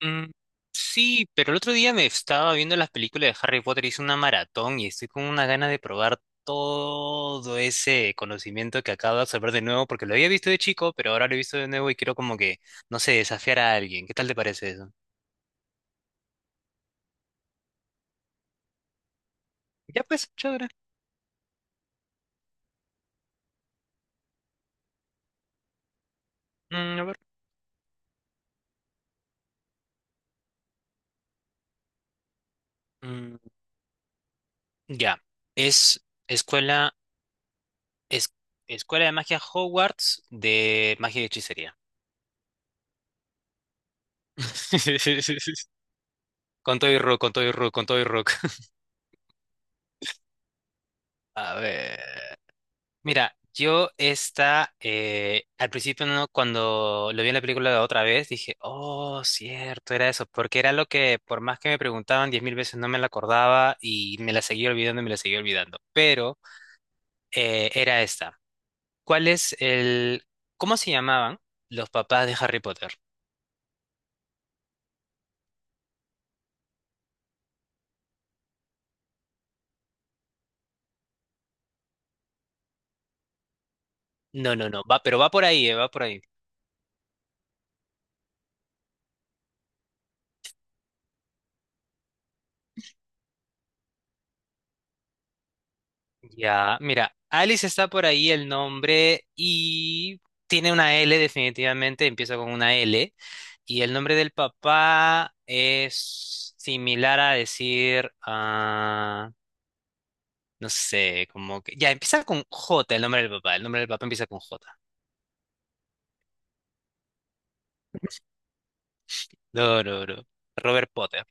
Mm, sí, pero el otro día me estaba viendo las películas de Harry Potter, hice una maratón y estoy con una gana de probar todo ese conocimiento que acabo de absorber de nuevo, porque lo había visto de chico, pero ahora lo he visto de nuevo y quiero como que, no sé, desafiar a alguien. ¿Qué tal te parece eso? Ya pues, chévere. A ver. Mm, ya. Es escuela, es, Escuela de magia Hogwarts de magia y hechicería. Con todo y rock, con todo y rock, con todo y rock. A ver. Mira, yo esta, al principio no, cuando lo vi en la película la otra vez, dije, oh, cierto, era eso, porque era lo que por más que me preguntaban 10,000 veces no me la acordaba y me la seguía olvidando y me la seguía olvidando, pero era esta. ¿Cuál es el, ¿cómo se llamaban los papás de Harry Potter? No, no, no, va, pero va por ahí, va por ahí. Ya, mira, Alice está por ahí el nombre y tiene una L definitivamente, empieza con una L. Y el nombre del papá es similar a decir, ah, no sé, como que... Ya, empieza con J el nombre del papá, el nombre del papá empieza con J. No, no, no. Robert Potter.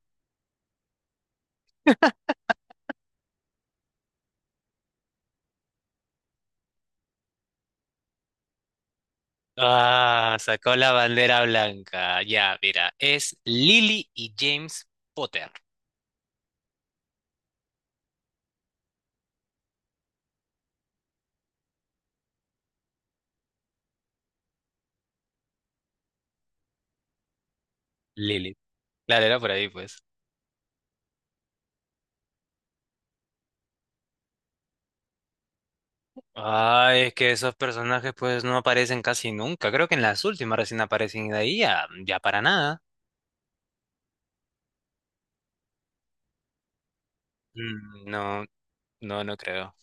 Ah, sacó la bandera blanca. Ya, mira, es Lily y James Potter. Lily. Claro, era por ahí, pues. Ah, es que esos personajes pues no aparecen casi nunca. Creo que en las últimas recién aparecen y de ahí ya, ya para nada. Mm, no, no, no creo.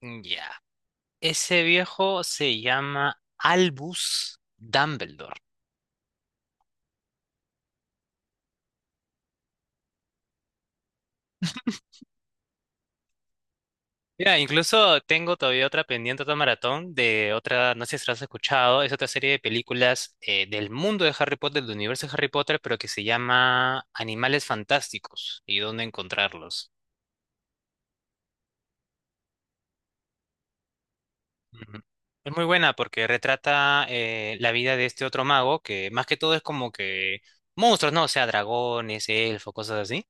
Mm, ya. Ese viejo se llama Albus Dumbledore. Mira, incluso tengo todavía otra pendiente, otra maratón de otra, no sé si la has escuchado, es otra serie de películas del mundo de Harry Potter, del universo de Harry Potter, pero que se llama Animales Fantásticos y dónde encontrarlos. Ujú. Es muy buena porque retrata la vida de este otro mago que más que todo es como que monstruos, ¿no? O sea, dragones, elfos, cosas así.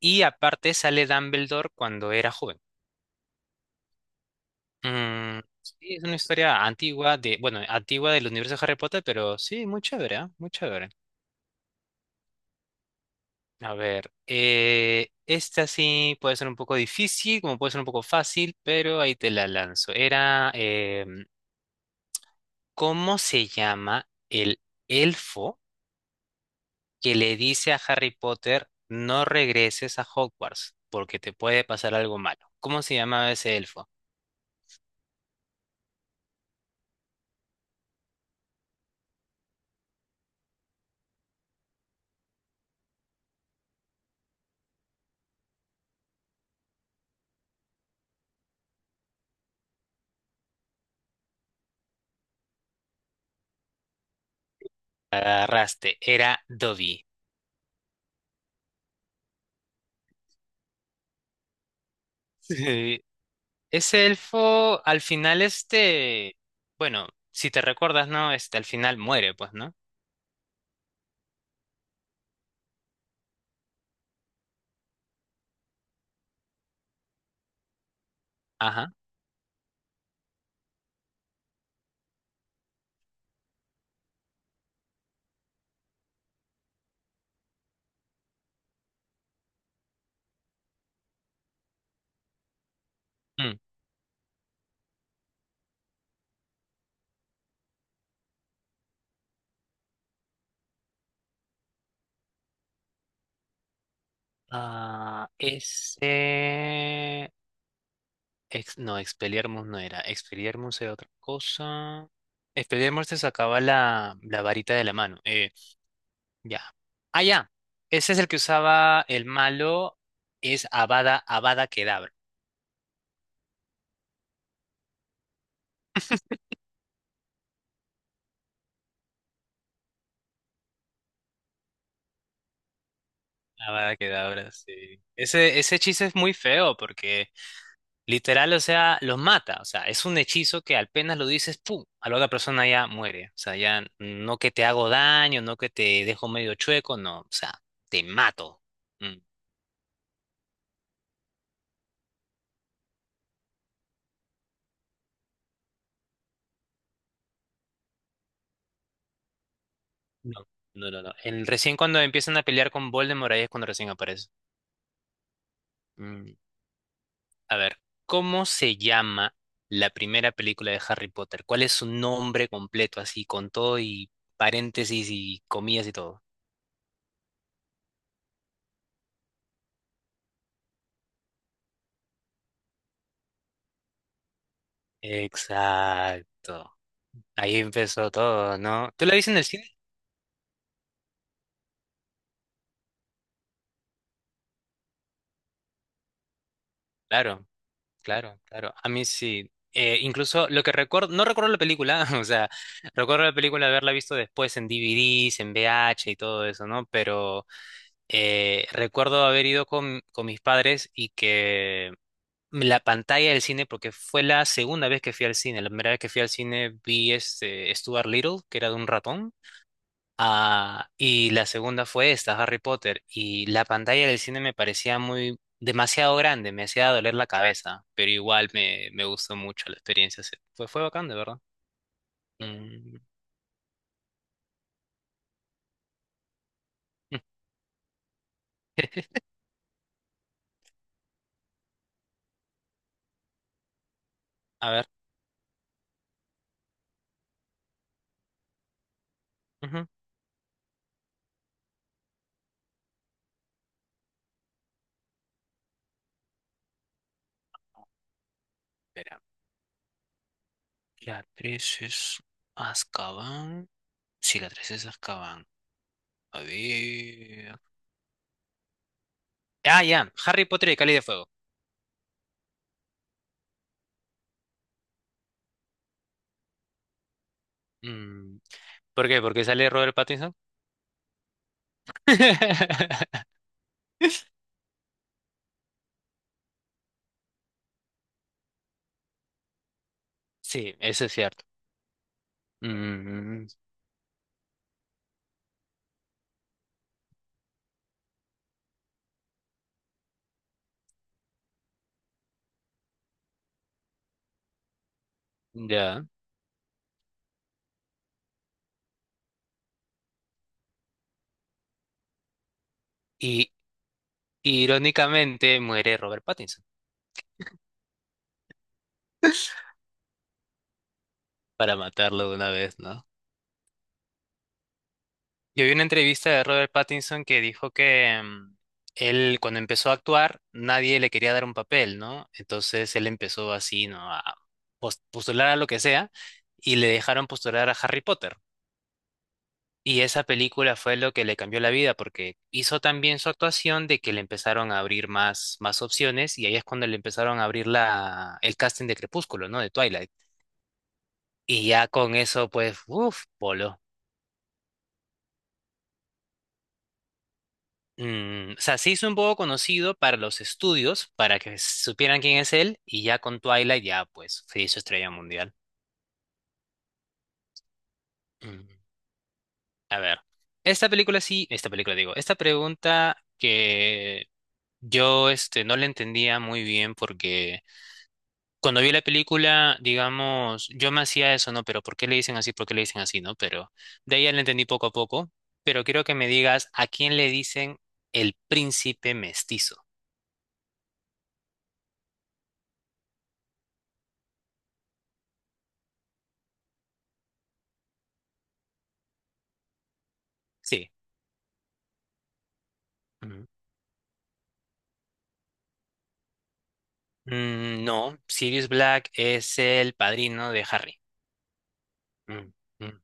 Y aparte sale Dumbledore cuando era joven. Mm, sí, es una historia antigua de, bueno, antigua del universo de Harry Potter, pero sí, muy chévere, ¿ah? Muy chévere. A ver, esta sí puede ser un poco difícil, como puede ser un poco fácil, pero ahí te la lanzo. Era, ¿cómo se llama el elfo? Que le dice a Harry Potter, no regreses a Hogwarts porque te puede pasar algo malo. ¿Cómo se llamaba ese elfo? Agarraste, era Dobby. Sí. Ese elfo al final este, bueno, si te recuerdas, ¿no? Este al final muere, pues, ¿no? Ajá. Mm. Ah, ese... no, Expelliarmus no era. Expelliarmus era otra cosa. Expelliarmus te sacaba la varita de la mano. Ya. Ah, ya. Ese es el que usaba el malo. Es Avada Kedavra. Avada Kedavra, sí. Ese hechizo es muy feo porque literal, o sea, los mata. O sea, es un hechizo que apenas lo dices, ¡pum! A la otra persona ya muere. O sea, ya no que te hago daño, no que te dejo medio chueco, no. O sea, te mato. Mm, no, no, no, no. El, recién cuando empiezan a pelear con Voldemort, ahí es cuando recién aparece. Mm. A ver, ¿cómo se llama la primera película de Harry Potter? ¿Cuál es su nombre completo, así, con todo y paréntesis y comillas y todo? Exacto. Ahí empezó todo, ¿no? ¿Tú la viste en el cine? Claro, claro, claro. A mí sí. Incluso lo que recuerdo, no recuerdo la película, o sea, recuerdo la película de haberla visto después en DVDs, en VH y todo eso, ¿no? Pero recuerdo haber ido con mis padres y que la pantalla del cine porque fue la segunda vez que fui al cine. La primera vez que fui al cine vi este Stuart Little, que era de un ratón. Ah, y la segunda fue esta, Harry Potter. Y la pantalla del cine me parecía muy demasiado grande, me hacía doler la cabeza, pero igual me gustó mucho la experiencia. Fue, fue bacán, de verdad. Mm. A ver. Ujú. Espera. La 3 es Azkaban. Sí, la 3 es Azkaban. A ver. Ah, ya. Harry Potter y el Cáliz de Fuego. Mm, ¿por qué? ¿Porque sale Robert Pattinson? Sí, eso es cierto. Mm, ya. Y irónicamente muere Robert Pattinson para matarlo de una vez, ¿no? Yo vi una entrevista de Robert Pattinson que dijo que él cuando empezó a actuar nadie le quería dar un papel, ¿no? Entonces él empezó así, ¿no? A postular a lo que sea y le dejaron postular a Harry Potter. Y esa película fue lo que le cambió la vida porque hizo también su actuación de que le empezaron a abrir más opciones y ahí es cuando le empezaron a abrir la, el casting de Crepúsculo, ¿no? De Twilight. Y ya con eso, pues, uff, polo. Mm, o sea, se hizo un poco conocido para los estudios, para que supieran quién es él y ya con Twilight ya, pues, se hizo estrella mundial. Mm, a ver, esta película digo, esta pregunta que yo este, no la entendía muy bien porque... cuando vi la película, digamos, yo me hacía eso, ¿no? Pero ¿por qué le dicen así? ¿Por qué le dicen así? ¿No? Pero de ahí ya le entendí poco a poco. Pero quiero que me digas a quién le dicen el príncipe mestizo. Sí. Ujú. Mm, no, Sirius Black es el padrino de Harry. Mm, mm.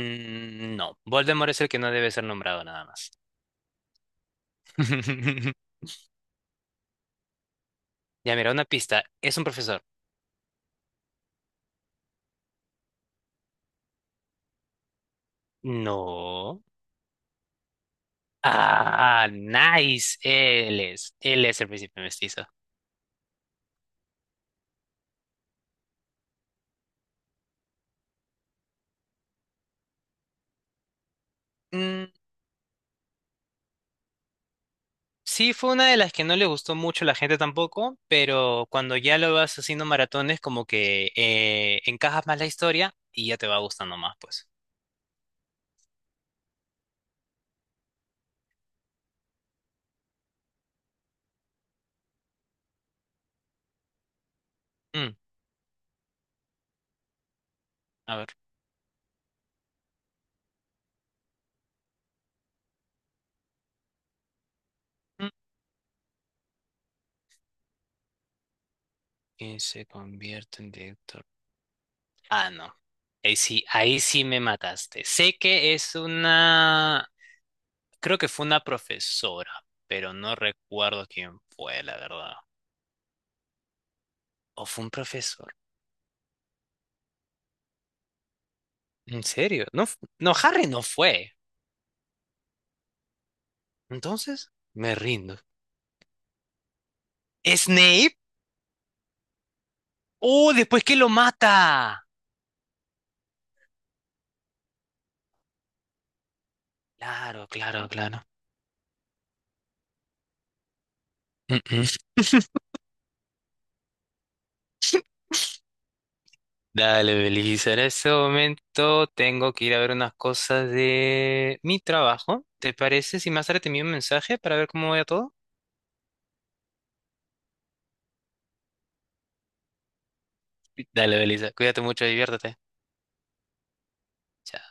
Mm, no, Voldemort es el que no debe ser nombrado nada más. Ya mira, una pista. Es un profesor. No. Ah, nice. Él es. Él es el príncipe mestizo. Sí, fue una de las que no le gustó mucho a la gente tampoco, pero cuando ya lo vas haciendo maratones, como que encajas más la historia y ya te va gustando más, pues. Mm, a ver. Mm, ¿quién se convierte en director? Ah, no. Ahí sí me mataste. Sé que es una... Creo que fue una profesora, pero no recuerdo quién fue, la verdad. ¿O fue un profesor? ¿En serio? No, no, Harry no fue. Entonces, me rindo. ¿Snape? ¡Oh, después que lo mata! Claro, claro, claro. Mm, mm. Dale, Belisa. En este momento tengo que ir a ver unas cosas de mi trabajo. ¿Te parece si más tarde te envío un mensaje para ver cómo va todo? Dale, Belisa. Cuídate mucho, diviértete. Chao.